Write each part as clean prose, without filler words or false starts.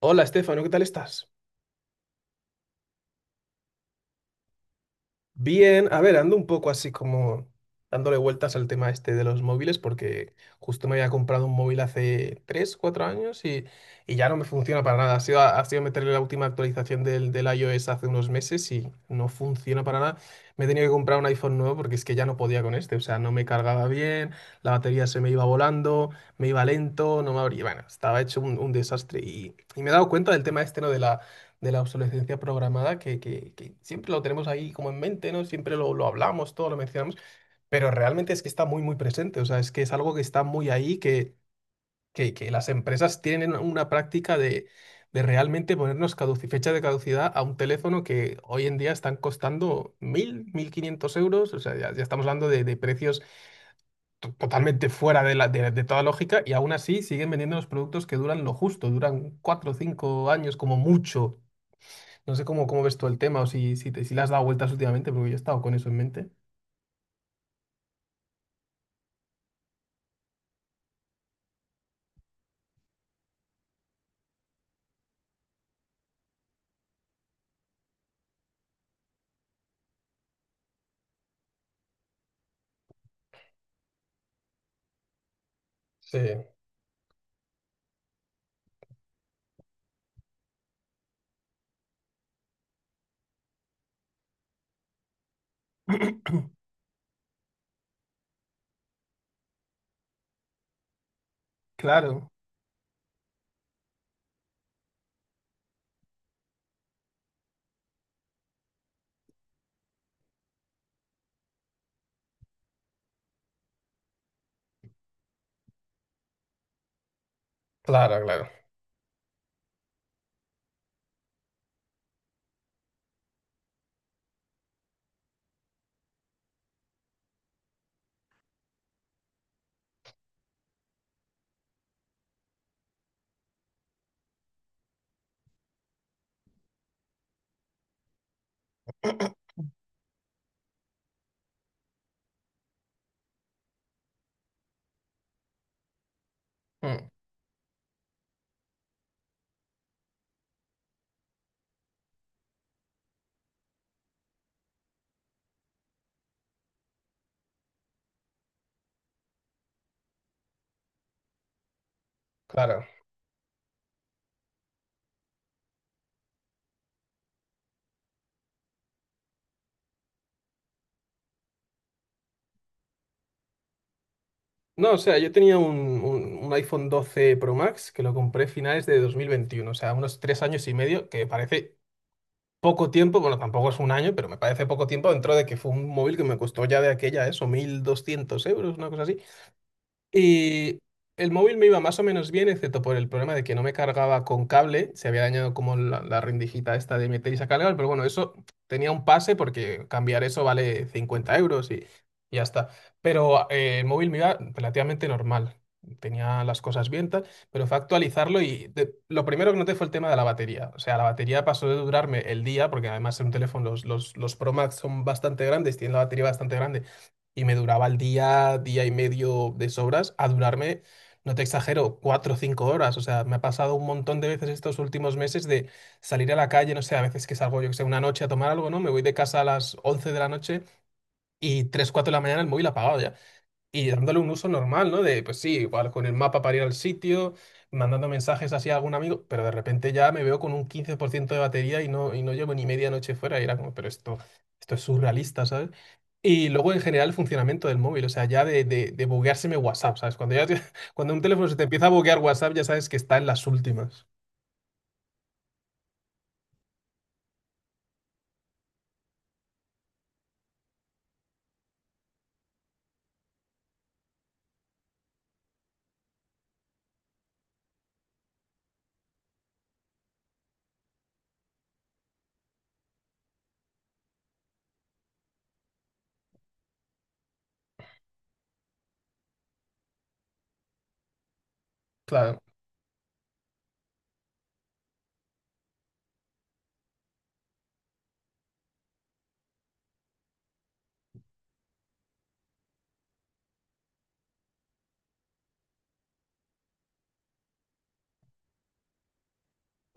Hola, Estefano, ¿qué tal estás? Bien, a ver, ando un poco así como dándole vueltas al tema este de los móviles porque justo me había comprado un móvil hace 3, 4 años y ya no me funciona para nada. Ha sido meterle la última actualización del iOS hace unos meses y no funciona para nada. Me he tenido que comprar un iPhone nuevo porque es que ya no podía con este, o sea, no me cargaba bien, la batería se me iba volando, me iba lento, no me abría, bueno, estaba hecho un desastre y me he dado cuenta del tema este, ¿no? De la obsolescencia programada, que siempre lo tenemos ahí como en mente, ¿no? Siempre lo hablamos, todo lo mencionamos, pero realmente es que está muy, muy presente, o sea, es que es algo que está muy ahí, que las empresas tienen una práctica de realmente ponernos fecha de caducidad a un teléfono que hoy en día están costando 1.000, 1.500 euros, o sea, ya, ya estamos hablando de precios totalmente fuera de toda lógica y aún así siguen vendiendo los productos que duran lo justo, duran 4 o 5 años como mucho. No sé cómo ves tú el tema o si le has dado vueltas últimamente, porque yo he estado con eso en mente. Sí. Claro, claro, claro. Mm, claro. No, o sea, yo tenía un iPhone 12 Pro Max que lo compré finales de 2021, o sea, unos 3 años y medio, que parece poco tiempo, bueno, tampoco es un año, pero me parece poco tiempo dentro de que fue un móvil que me costó ya de aquella eso, 1.200 euros, una cosa así. Y el móvil me iba más o menos bien, excepto por el problema de que no me cargaba con cable. Se había dañado como la rendijita esta de meter y sacar cable, pero bueno, eso tenía un pase porque cambiar eso vale 50 euros y ya está. Pero el móvil me iba relativamente normal. Tenía las cosas bien, tal, pero fue actualizarlo y lo primero que noté fue el tema de la batería. O sea, la batería pasó de durarme el día, porque además en un teléfono los Pro Max son bastante grandes, tienen la batería bastante grande y me duraba el día, día y medio de sobras, a durarme, no te exagero, 4 o 5 horas. O sea, me ha pasado un montón de veces estos últimos meses de salir a la calle, no sé, a veces que salgo, yo que sé, una noche a tomar algo, ¿no? Me voy de casa a las 11 de la noche y 3, 4 de la mañana el móvil apagado ya. Y dándole un uso normal, ¿no? De, pues sí, igual con el mapa para ir al sitio, mandando mensajes así a algún amigo, pero de repente ya me veo con un 15% de batería y no llevo ni media noche fuera. Y era como, pero esto es surrealista, ¿sabes? Y luego en general el funcionamiento del móvil, o sea, ya de bugueárseme WhatsApp, ¿sabes? Cuando un teléfono se te empieza a buguear WhatsApp, ya sabes que está en las últimas. Claro,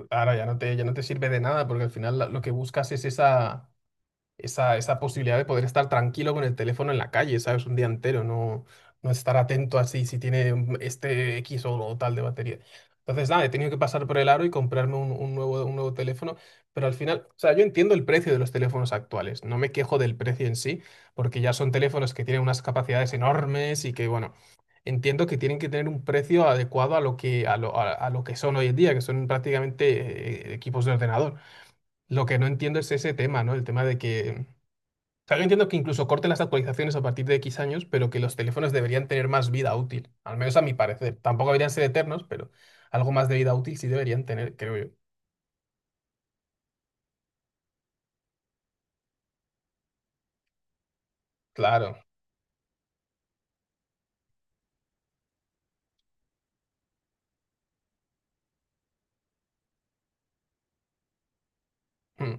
ahora ya no te, sirve de nada porque al final lo que buscas es esa posibilidad de poder estar tranquilo con el teléfono en la calle, ¿sabes? Un día entero, no, no estar atento así si tiene este X o tal de batería. Entonces, nada, he tenido que pasar por el aro y comprarme un nuevo teléfono, pero al final, o sea, yo entiendo el precio de los teléfonos actuales, no me quejo del precio en sí, porque ya son teléfonos que tienen unas capacidades enormes y que, bueno, entiendo que tienen que tener un precio adecuado a lo que, a lo que son hoy en día, que son prácticamente equipos de ordenador. Lo que no entiendo es ese tema, ¿no? El tema de que, o sea, yo entiendo que incluso corten las actualizaciones a partir de X años, pero que los teléfonos deberían tener más vida útil, al menos a mi parecer. Tampoco deberían ser eternos, pero algo más de vida útil sí deberían tener, creo yo. Claro. Hmm.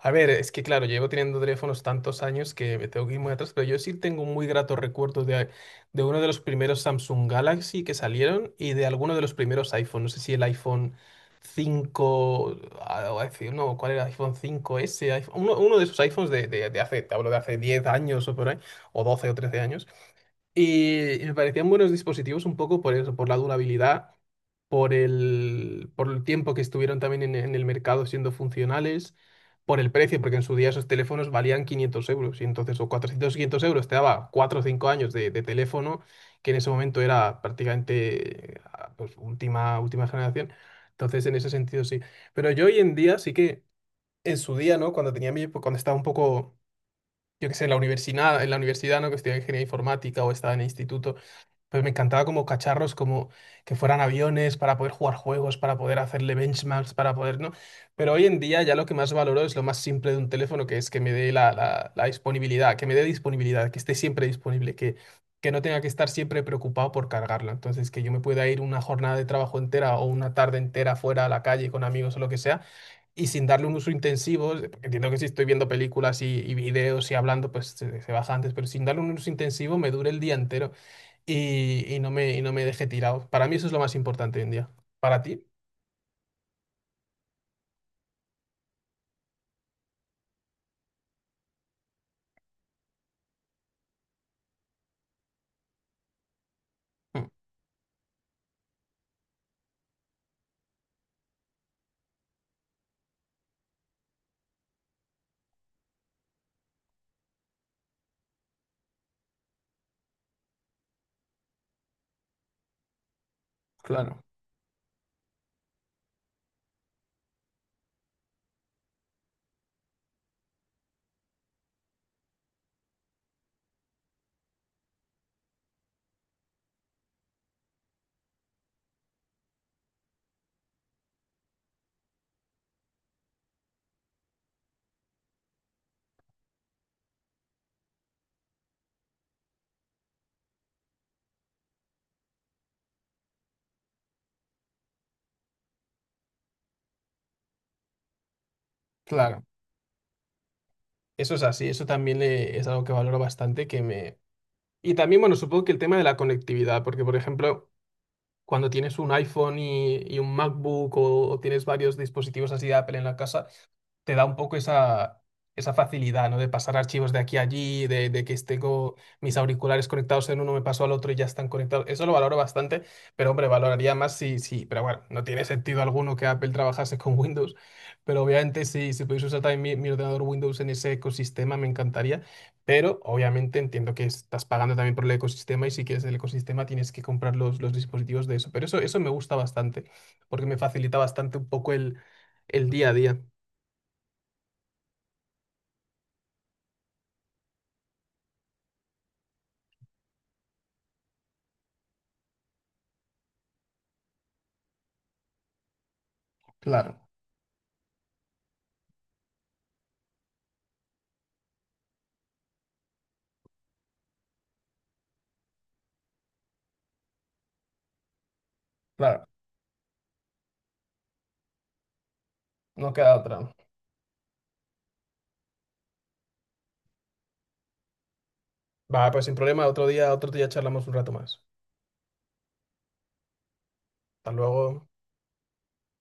A ver, es que claro, llevo teniendo teléfonos tantos años que me tengo que ir muy atrás, pero yo sí tengo muy gratos recuerdos de uno de los primeros Samsung Galaxy que salieron y de alguno de los primeros iPhone. No sé si el iPhone 5, ah, o no, ¿cuál era? iPhone 5S, uno de esos iPhones de hace, te hablo de hace 10 años o por ahí, o 12 o 13 años. Y me parecían buenos dispositivos un poco por eso, por la durabilidad, por el tiempo que estuvieron también en el mercado siendo funcionales, por el precio, porque en su día esos teléfonos valían 500 euros y entonces o 400, 500 euros te daba 4 o 5 años de teléfono, que en ese momento era prácticamente pues, última, última generación. Entonces en ese sentido sí. Pero yo hoy en día sí que en su día, ¿no? Cuando estaba un poco yo qué sé, en la universidad, ¿no? Que estudiaba ingeniería informática o estaba en el instituto, pues me encantaba como cacharros, como que fueran aviones para poder jugar juegos, para poder hacerle benchmarks, para poder, ¿no? Pero hoy en día ya lo que más valoro es lo más simple de un teléfono, que es que me dé la, la disponibilidad, que me dé disponibilidad, que, esté siempre disponible, que no tenga que estar siempre preocupado por cargarla. Entonces, que yo me pueda ir una jornada de trabajo entera o una tarde entera fuera a la calle con amigos o lo que sea y sin darle un uso intensivo, porque entiendo que si estoy viendo películas y videos y hablando, pues se baja antes, pero sin darle un uso intensivo me dure el día entero y no me deje tirado. Para mí eso es lo más importante hoy en día. ¿Para ti? Mm, claro, claro. Eso es así, eso también es algo que valoro bastante, que me... Y también, bueno, supongo que el tema de la conectividad, porque, por ejemplo, cuando tienes un iPhone y un MacBook o tienes varios dispositivos así de Apple en la casa, te da un poco esa, facilidad, ¿no? De pasar archivos de aquí a allí, de que tengo mis auriculares conectados en uno, me paso al otro y ya están conectados. Eso lo valoro bastante, pero hombre, valoraría más pero bueno, no tiene sentido alguno que Apple trabajase con Windows, pero obviamente si pudiese usar también mi ordenador Windows en ese ecosistema, me encantaría, pero obviamente entiendo que estás pagando también por el ecosistema y si quieres el ecosistema tienes que comprar los dispositivos de eso, pero eso me gusta bastante, porque me facilita bastante un poco el día a día. Claro. Claro, no queda otra. Va, pues sin problema, otro día charlamos un rato más. Hasta luego.